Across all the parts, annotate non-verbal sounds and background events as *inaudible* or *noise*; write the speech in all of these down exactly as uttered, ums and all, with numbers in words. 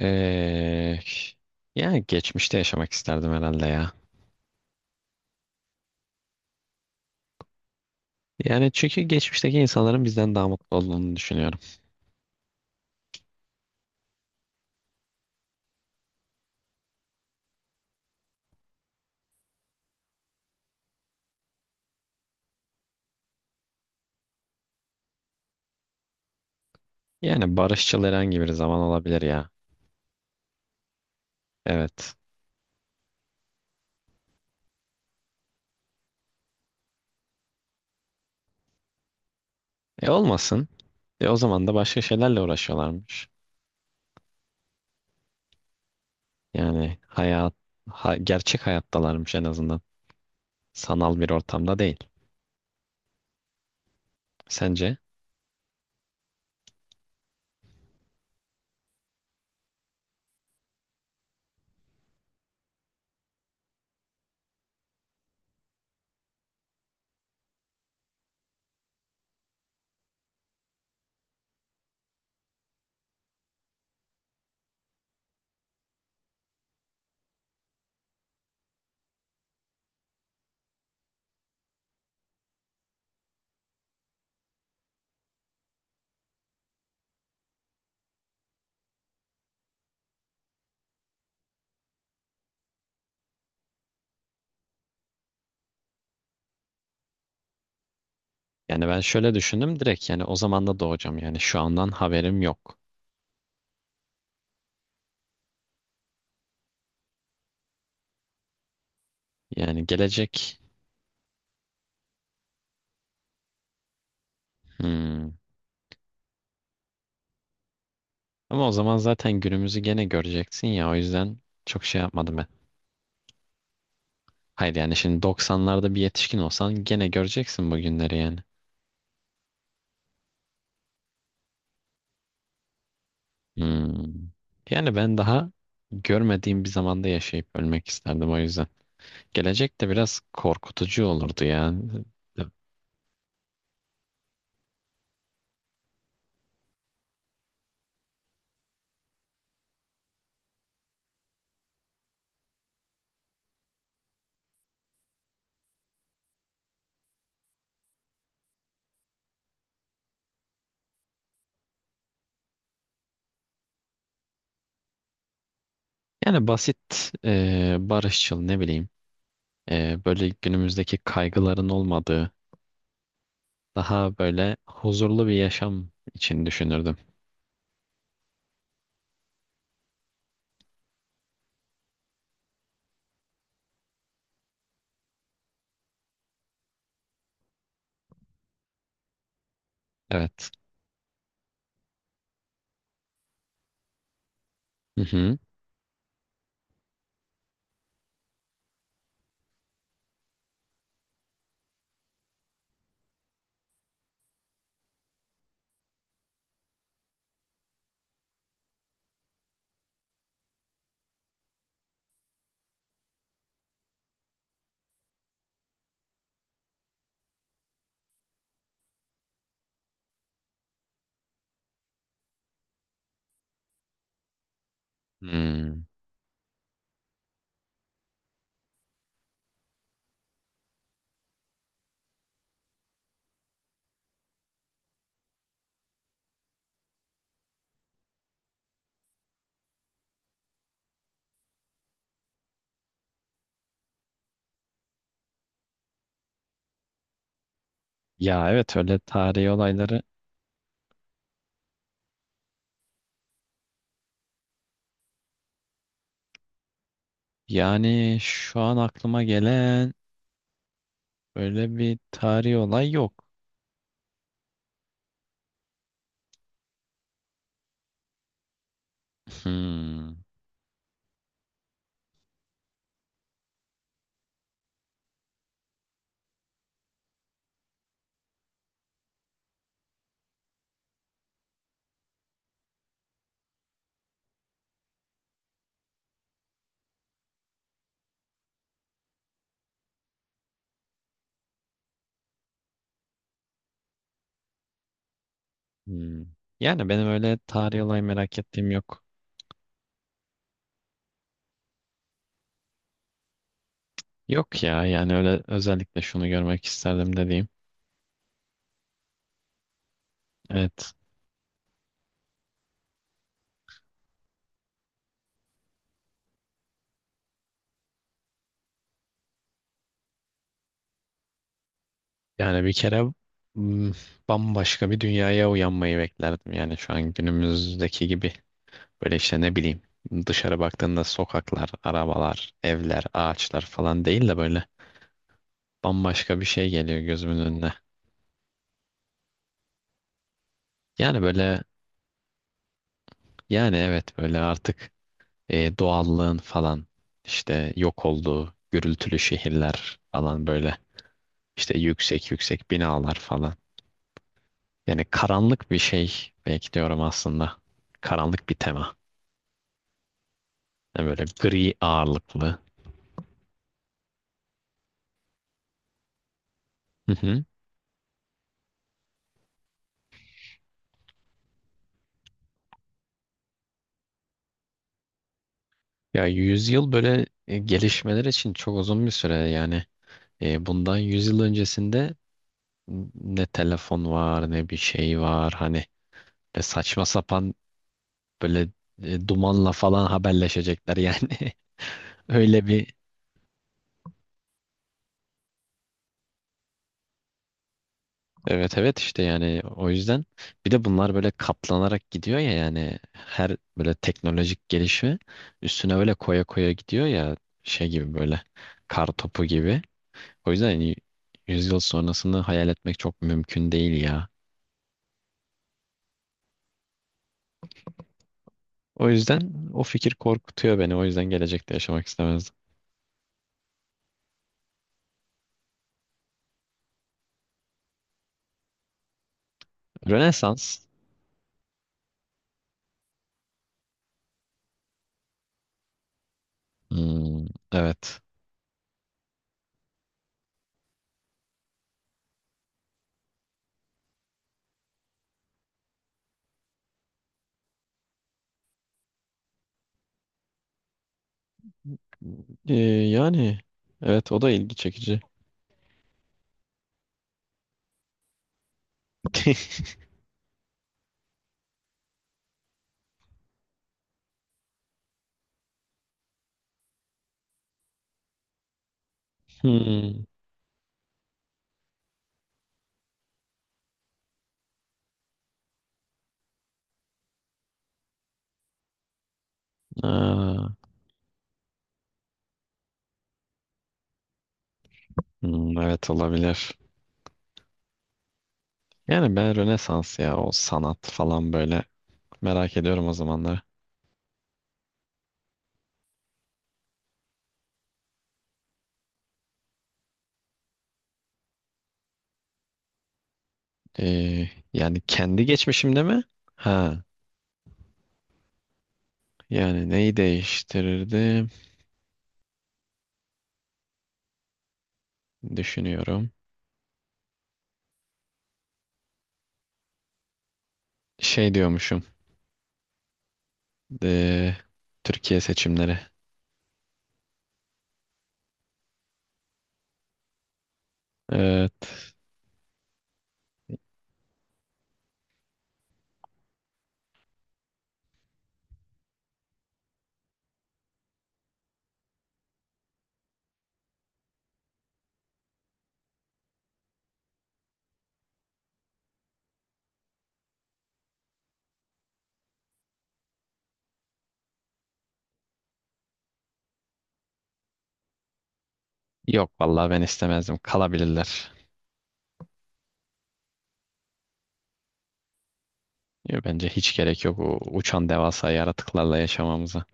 Ee, Yani geçmişte yaşamak isterdim herhalde ya. Yani çünkü geçmişteki insanların bizden daha mutlu olduğunu düşünüyorum. Yani barışçıl herhangi bir zaman olabilir ya. Evet. E olmasın. E o zaman da başka şeylerle uğraşıyorlarmış. Yani hayat, ha- gerçek hayattalarmış en azından. Sanal bir ortamda değil. Sence? Yani ben şöyle düşündüm direkt, yani o zaman da doğacağım, yani şu andan haberim yok. Yani gelecek. Hmm. Ama o zaman zaten günümüzü gene göreceksin ya, o yüzden çok şey yapmadım ben. Hayır, yani şimdi doksanlarda bir yetişkin olsan gene göreceksin bu günleri yani. Hmm. Yani ben daha görmediğim bir zamanda yaşayıp ölmek isterdim o yüzden. Gelecek de biraz korkutucu olurdu yani. Yani basit, e, barışçıl ne bileyim. E, böyle günümüzdeki kaygıların olmadığı daha böyle huzurlu bir yaşam için düşünürdüm. Evet. Hı hı. Hmm. Ya evet, öyle tarihi olayları, yani şu an aklıma gelen öyle bir tarihi olay yok. Hmm, hmm. Yani benim öyle tarihi olay merak ettiğim yok. Yok ya, yani öyle özellikle şunu görmek isterdim dediğim. Evet, yani bir kere hmm, bambaşka bir dünyaya uyanmayı beklerdim. Yani şu an günümüzdeki gibi böyle işte ne bileyim, dışarı baktığında sokaklar, arabalar, evler, ağaçlar falan değil de böyle bambaşka bir şey geliyor gözümün önüne. Yani böyle, yani evet, böyle artık e, doğallığın falan işte yok olduğu gürültülü şehirler falan, böyle işte yüksek yüksek binalar falan. Yani karanlık bir şey belki diyorum aslında. Karanlık bir tema. Yani böyle gri ağırlıklı. Hı hı. Ya yüzyıl böyle e, gelişmeler için çok uzun bir süre yani. E, bundan yüzyıl öncesinde ne telefon var ne bir şey var, hani e, saçma sapan böyle e, dumanla falan haberleşecekler yani. *laughs* Öyle bir evet, evet işte, yani o yüzden bir de bunlar böyle katlanarak gidiyor ya, yani her böyle teknolojik gelişme üstüne böyle koya koya gidiyor ya, şey gibi böyle kar topu gibi. O yüzden yani yüzyıl sonrasını hayal etmek çok mümkün değil ya. O yüzden o fikir korkutuyor beni. O yüzden gelecekte yaşamak istemezdim. Rönesans. Hmm, evet. Ee, Yani evet, o da ilgi çekici. *laughs* Hmm. Aa, hmm, evet olabilir. Yani ben Rönesans ya, o sanat falan böyle merak ediyorum o zamanlar. Ee, Yani kendi geçmişimde mi? Ha, yani neyi değiştirirdim düşünüyorum. Şey diyormuşum. ee, Türkiye seçimleri. Evet. Yok vallahi ben istemezdim. Kalabilirler. Ya bence hiç gerek yok o uçan devasa yaratıklarla yaşamamıza.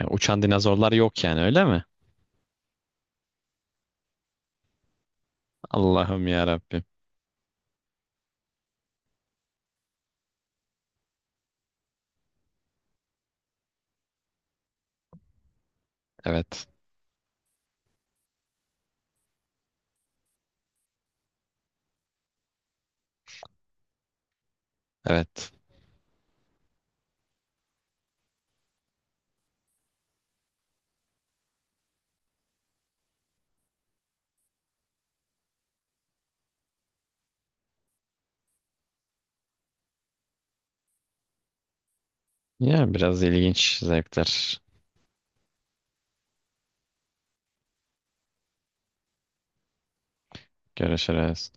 Yani uçan dinozorlar yok yani, öyle mi? Allah'ım ya Rabbim. Evet. Evet. Ya biraz ilginç zevkler. Görüşürüz.